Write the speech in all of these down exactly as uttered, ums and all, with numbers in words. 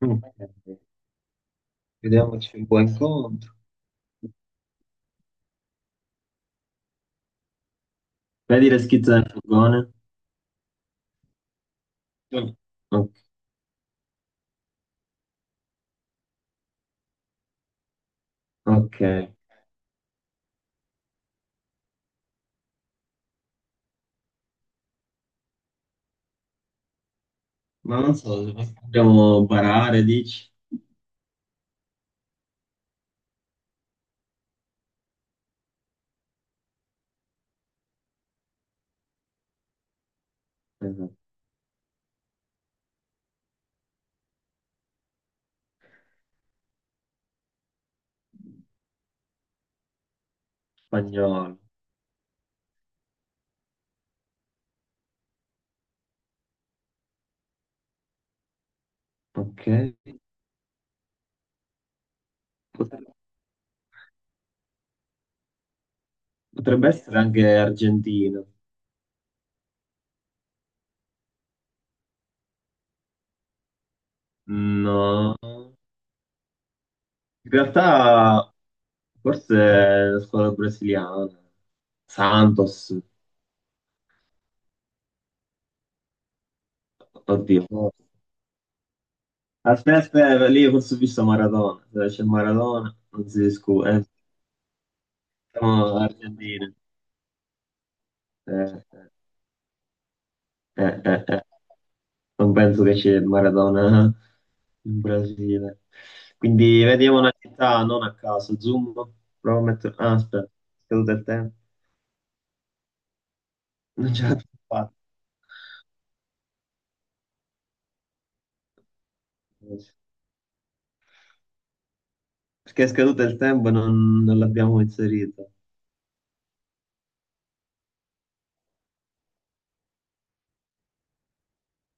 Ok, vediamoci un buon incontro. Vedi le schizze del furgone? Mm. O- Ok, ma non so, dobbiamo barare, dici? Esatto. Spagnolo. Ok, Pot- potrebbe essere anche argentino. No, in realtà forse la squadra brasiliana. Santos, oddio. Aspetta, aspetta, lì forse ho visto Maradona. Dove c'è Maradona, non si discute. Eh, siamo argentini. Eh, eh, eh, eh. eh, Non penso che c'è Maradona in Brasile. Quindi vediamo una città non a caso. Zoom, provo a mettere... Ah, aspetta, è scaduto il tempo. Non ce l'abbiamo fatta. Perché è scaduto il tempo e non, non l'abbiamo inserito.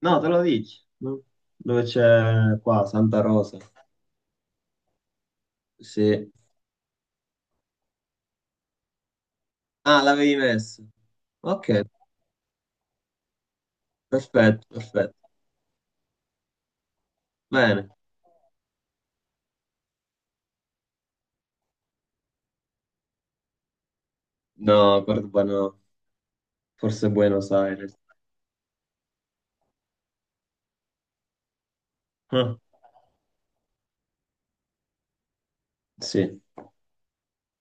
No, te lo dici, no? Dove c'è qua, Santa Rosa. Sì. Ah, l'avevi messo. Ok. Perfetto, perfetto. Bene. No, Cordobano, forse Buenos Aires. Ah, sì,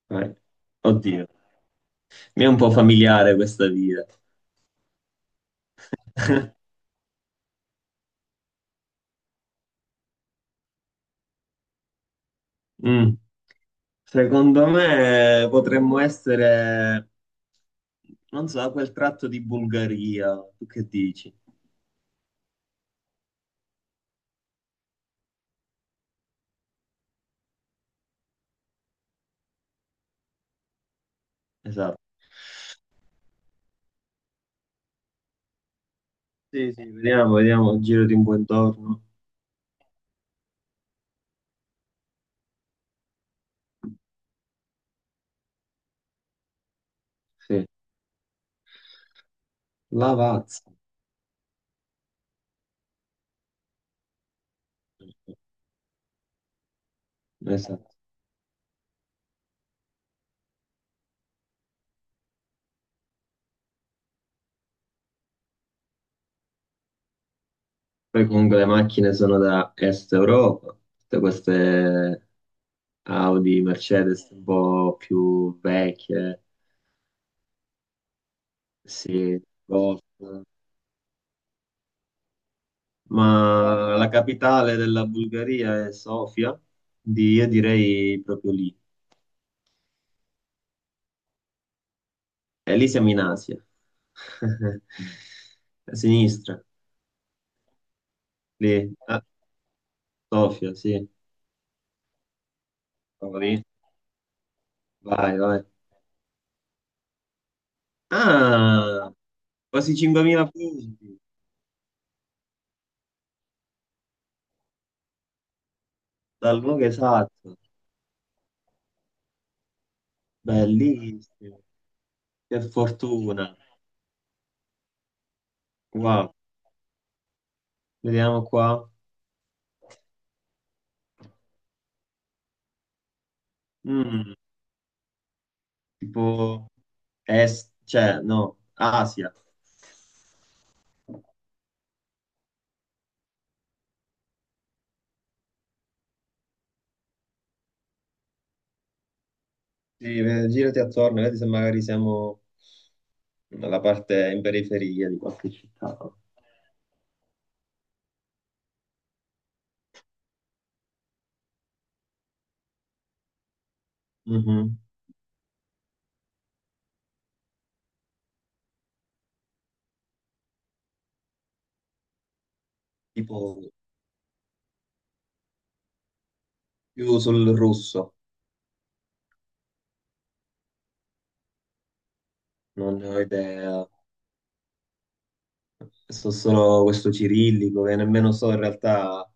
vai. Oddio, mi è un po' familiare questa via. Mm. Secondo me potremmo essere, non so, quel tratto di Bulgaria. Tu che dici? Esatto. Sì, sì, vediamo, vediamo, girati un po' intorno. Sì, Lavazza. Esatto. Poi comunque le macchine sono da Est Europa, tutte queste Audi, Mercedes un po' più vecchie, sì, Golf. Ma la capitale della Bulgaria è Sofia, di- io direi proprio lì. E lì siamo in Asia, a sinistra, lì. Ah, Sofia, sì, siamo lì. Vai, vai. Ah, quasi cinquemila punti, dal luogo esatto, bellissimo, che fortuna. Wow, vediamo qua. Mm, tipo est, cioè no, Asia. Sì, eh, girati attorno, vedi se magari siamo nella parte in periferia di qualche città. Mhm. Tipo più sul russo, non ne ho idea. So solo questo cirillico che nemmeno so in realtà,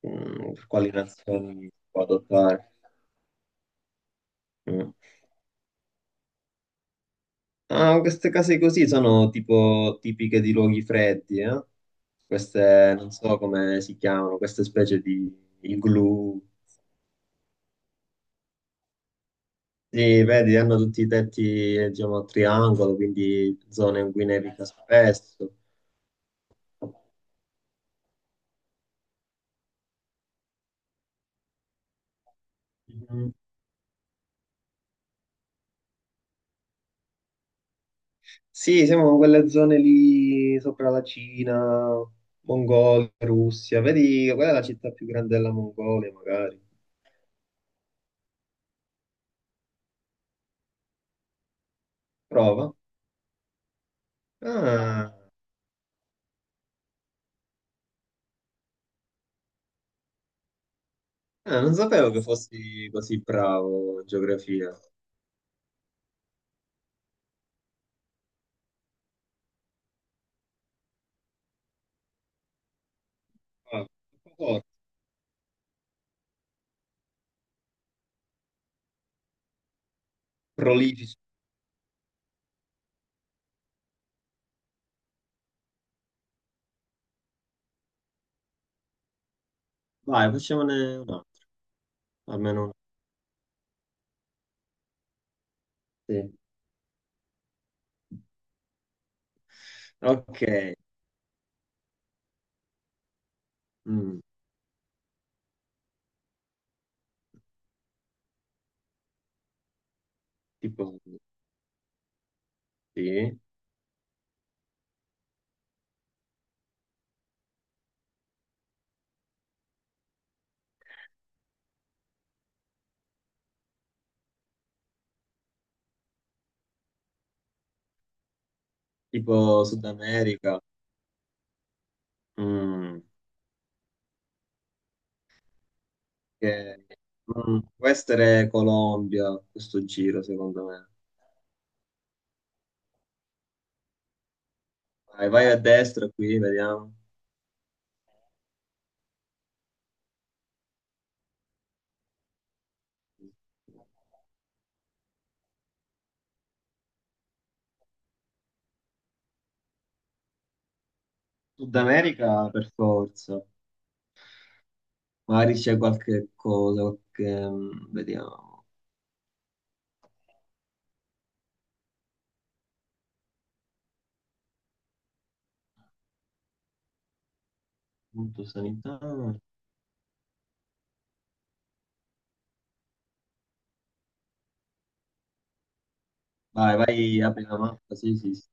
mh, per quali nazioni si può adottare. Mm. Ah, queste case così sono tipo tipiche di luoghi freddi, eh? Queste, non so come si chiamano, queste specie di igloo. Sì, vedi, hanno tutti i tetti, eh, diciamo, a triangolo, quindi zone in cui nevica spesso. Mhm. Sì, siamo in quelle zone lì sopra la Cina, Mongolia, Russia. Vedi, quella è la città più grande della Mongolia, magari. Prova. Ah, ah, non sapevo che fossi così bravo in geografia. Ah, per favore, prolifici. Vai, facciamone un altro, almeno uno, sì. Ok, mm, tipo, sì, tipo Sud America, mm, che- mm, può essere Colombia, questo giro secondo me. Vai, vai a destra qui, vediamo. Sud America per forza, magari c'è qualche cosa, qualche, mm, vediamo, punto sanità. Vai, vai, apri la mappa, sì, sì, sì.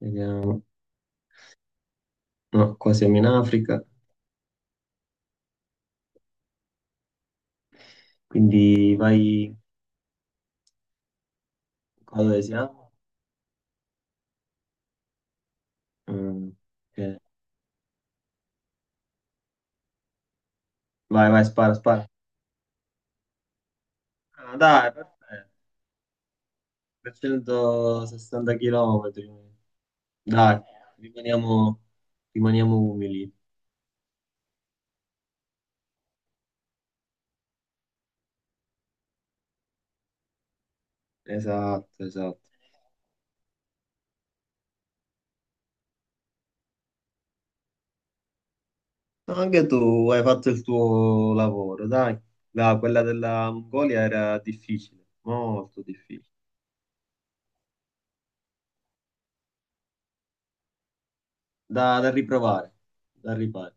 Vediamo. No, qua siamo in Africa, quindi vai qua dove siamo. Mm, ok. Vai, vai, spara, spara. Ah, dai, perfetto. trecentosessanta chilometri. Dai, rimaniamo, rimaniamo umili. Esatto, esatto. No, anche tu hai fatto il tuo lavoro, dai. Dai, quella della Mongolia era difficile, molto difficile. Da, da riprovare, da ripare.